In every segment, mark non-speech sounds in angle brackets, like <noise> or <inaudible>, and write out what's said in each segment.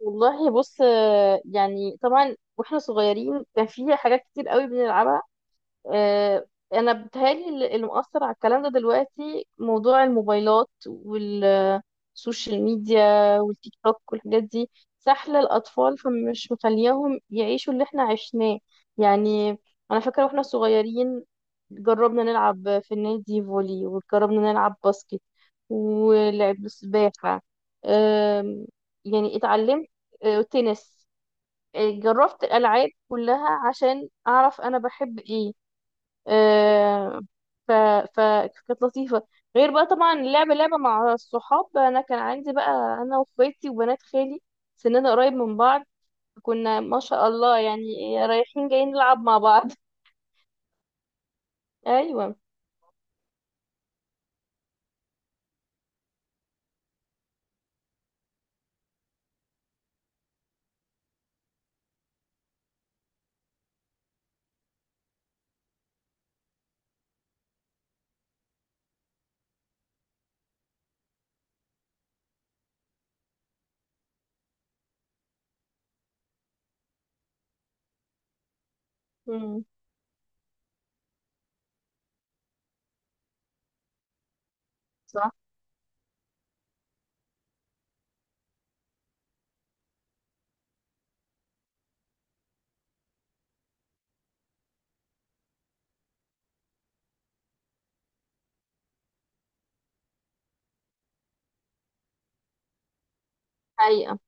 والله بص، يعني طبعا واحنا صغيرين كان في حاجات كتير قوي بنلعبها. آه، انا بتهيألي اللي مؤثر على الكلام ده دلوقتي موضوع الموبايلات والسوشيال ميديا والتيك توك والحاجات دي سحلة الأطفال، فمش مخلياهم يعيشوا اللي احنا عشناه. يعني أنا فاكرة واحنا صغيرين جربنا نلعب في النادي فولي، وجربنا نلعب باسكت ولعب سباحة. آم، يعني اتعلمت تنس. جربت الألعاب كلها عشان أعرف أنا بحب إيه. آه، ف... فكانت لطيفة. غير بقى طبعا لعبة لعبة مع الصحاب، أنا كان عندي بقى أنا وأخواتي وبنات خالي سننا قريب من بعض. كنا ما شاء الله يعني رايحين جايين نلعب مع بعض. <laughs> أيوة. مم. صح. حقيقة.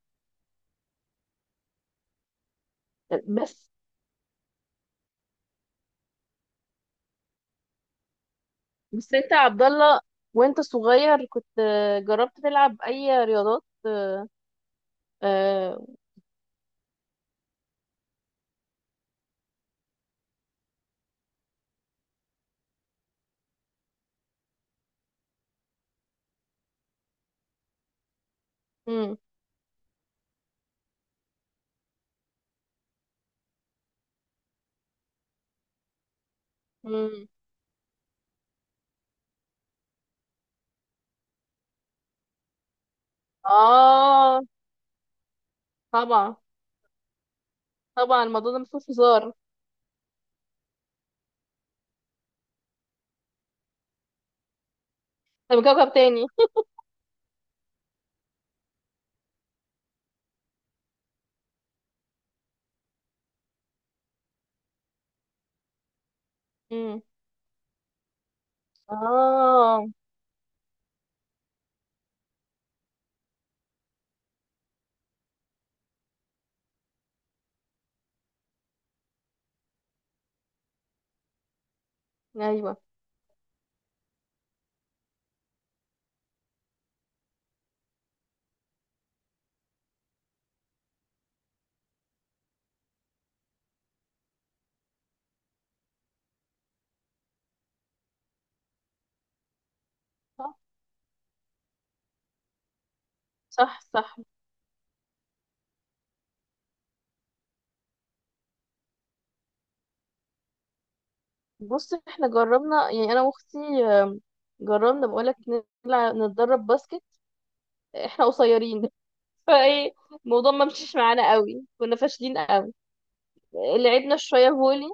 بس بس أنت يا عبد الله وأنت صغير كنت جربت تلعب أي رياضات؟ آه. مم. مم. آه، طبعا. طبعا الموضوع ده مفيهوش هزار. ده من كوكب تاني. مم. اه. ايوه. صح صح صح. بص، احنا جربنا، يعني انا واختي، آم، جربنا بقولك نلعب نتدرب باسكت. احنا قصيرين <laughs> فايه الموضوع ما مشيش معانا قوي، كنا فاشلين قوي. لعبنا شويه فولي.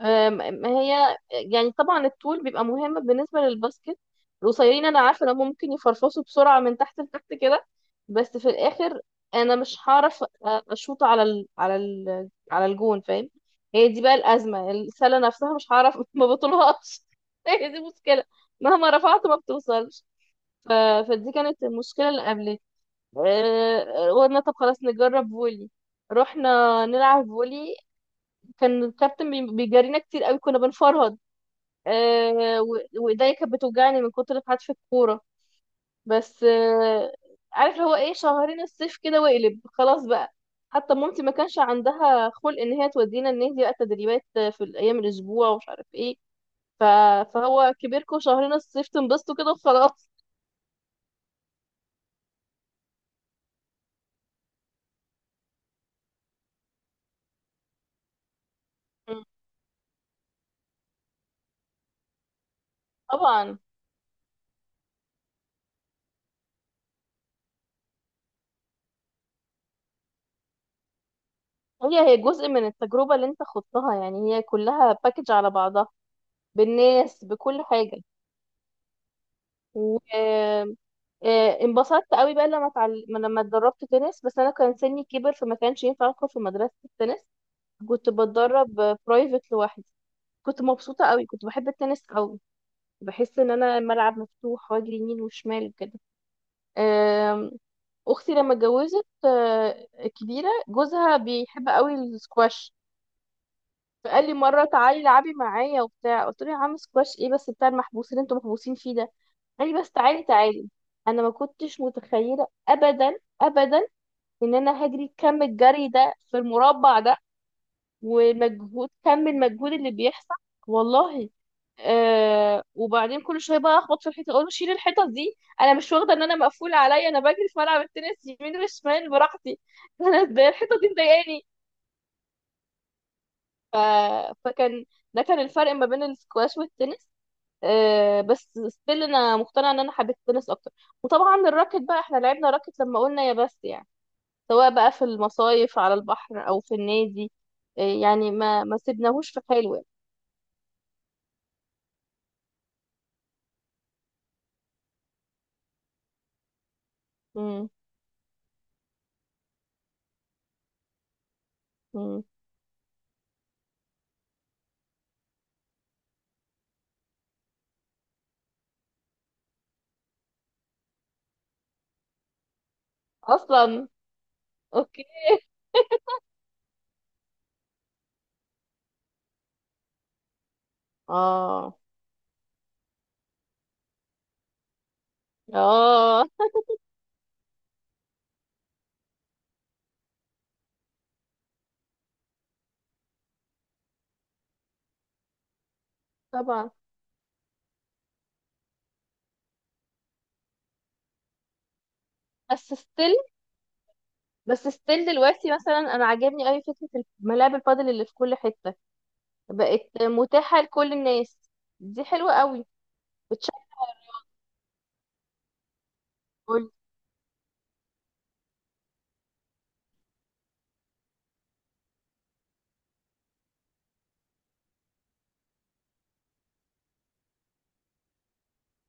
أم- ما هي يعني طبعا الطول بيبقى مهم بالنسبة للباسكت. القصيرين انا عارفة ان هم ممكن يفرفصوا بسرعة من تحت لتحت كده، بس في الاخر انا مش هعرف اشوط على على الجون، فاهم؟ هي دي بقى الأزمة، السلة نفسها مش هعرف <laughs> ما بطولهاش. هي دي مشكلة. مهما رفعت ما بتوصلش. ف... فدي كانت المشكلة اللي قابلتني. قلنا طب خلاص نجرب فولي. رحنا نلعب فولي. كان الكابتن بيجرينا كتير قوي، كنا بنفرهد. آه، و- وايديا كانت بتوجعني من كتر حدف الكوره. بس عارف اللي هو ايه، شهرين الصيف كده واقلب خلاص بقى. حتى مامتي ما كانش عندها خلق ان هي تودينا النادي بقى تدريبات في الايام الاسبوع ومش عارف ايه. ف... فهو كبركم شهرين الصيف تنبسطوا كده وخلاص. مم. طبعا. هي هي جزء من التجربه اللي انت خضتها، يعني هي كلها باكج على بعضها، بالناس بكل حاجه. و آه، انبسطت قوي بقى لما لما اتدربت تنس، بس انا كان سني كبر فما كانش ينفع ادخل في مدرسة التنس. كنت بتدرب برايفت لوحدي. كنت مبسوطة قوي، كنت بحب التنس قوي. بحس ان انا الملعب مفتوح واجري يمين وشمال وكده. آم، اختي لما اتجوزت كبيرة، جوزها بيحب قوي السكواش. فقال لي مرة تعالي العبي معايا وبتاع، قلت له يا عم سكواش ايه بس بتاع المحبوسين اللي انتوا محبوسين فيه ده؟ قال لي بس تعالي تعالي. انا ما كنتش متخيله ابدا ابدا ان انا هجري كم الجري ده في المربع ده، ومجهود كم المجهود اللي بيحصل. والله. آه، وبعدين كل شويه بقى اخبط في الحيطه، اقول له شيل الحيطه دي، انا مش واخده ان انا مقفول عليا، انا بجري في ملعب التنس يمين وشمال براحتي <laughs> انا ازاي الحيطه دي مضايقاني. ف... فكان ده كان الفرق ما بين السكواش والتنس. بس ستيل انا مقتنعه ان انا حبيت التنس اكتر. وطبعا الراكت بقى احنا لعبنا راكت لما قلنا يا بس يعني، سواء بقى في المصايف على البحر او في النادي، يعني ما سيبناهوش في حاله يعني. مم. مم. اصلا. اوكي. اه. اه. طبعا. بس ستيل بس ستيل دلوقتي مثلا انا عاجبني قوي فكره ملاعب البادل اللي في كل حته بقت متاحه لكل الناس. دي حلوه قوي. بتشجع كل-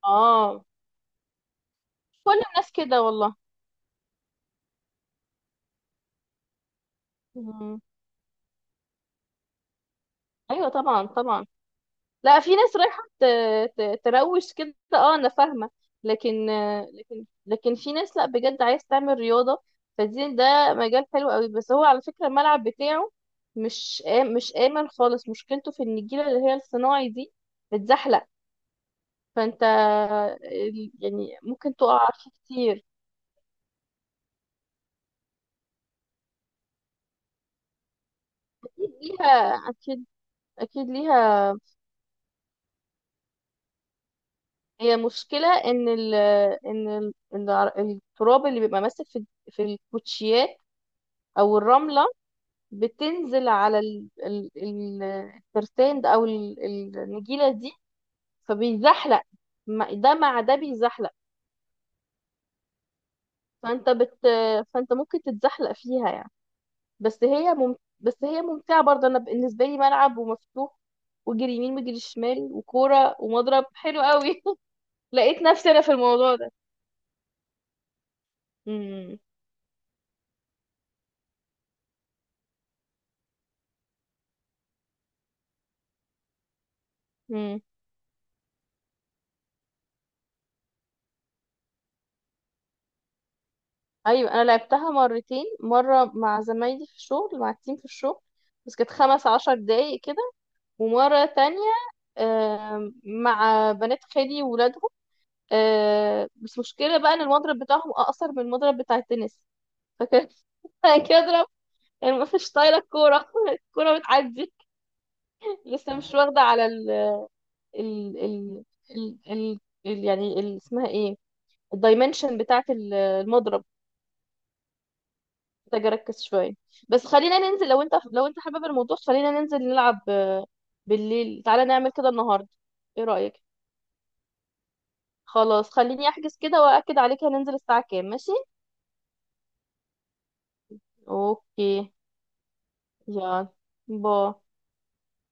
اه كل الناس كده. والله. ايوه طبعا طبعا. لا، في ناس رايحه تروش كده، اه انا فاهمه. لكن لكن في ناس لا، بجد عايز تعمل رياضه، فدي ده مجال حلو قوي. بس هو على فكره الملعب بتاعه مش مش امن خالص، مشكلته في ان النجيله اللي هي الصناعي دي بتزحلق. فانت يعني ممكن تقع فيه كتير. أكيد ليها. اكيد. اكيد ليها. هي مشكله ان ان ال- التراب اللي بيبقى ماسك في الكوتشيات او الرملة بتنزل على الترتان ده او النجيلة دي، فبيزحلق. ده مع ده بيزحلق. فانت بت فانت ممكن تتزحلق فيها يعني. بس هي ممتعة برضه. انا بالنسبة لي ملعب ومفتوح وجري يمين وجري شمال وكورة ومضرب، حلو قوي <laughs> لقيت نفسي انا في الموضوع ده. امم. امم. ايوه، انا لعبتها مرتين، مرة مع زمايلي في الشغل مع التيم في الشغل، بس كانت 15 دقايق كده. ومرة تانية مع بنات خالي وولادهم. بس مشكلة بقى ان المضرب بتاعهم اقصر من المضرب بتاع التنس. فكان <laughs> كده اضرب، يعني ما فيش طايله الكوره <laughs> الكوره بتعدي، لسه مش واخده على ال ال ال ال, ال, ال يعني ال اسمها ايه، الدايمنشن بتاعه ال- المضرب. محتاجه اركز شويه. بس خلينا ننزل، لو انت حابب الموضوع خلينا ننزل نلعب بالليل، تعالى نعمل كده النهارده. ايه رايك؟ خلاص خليني احجز كده واكد عليك، هننزل الساعة كام؟ ماشي. اوكي. يلا. باي.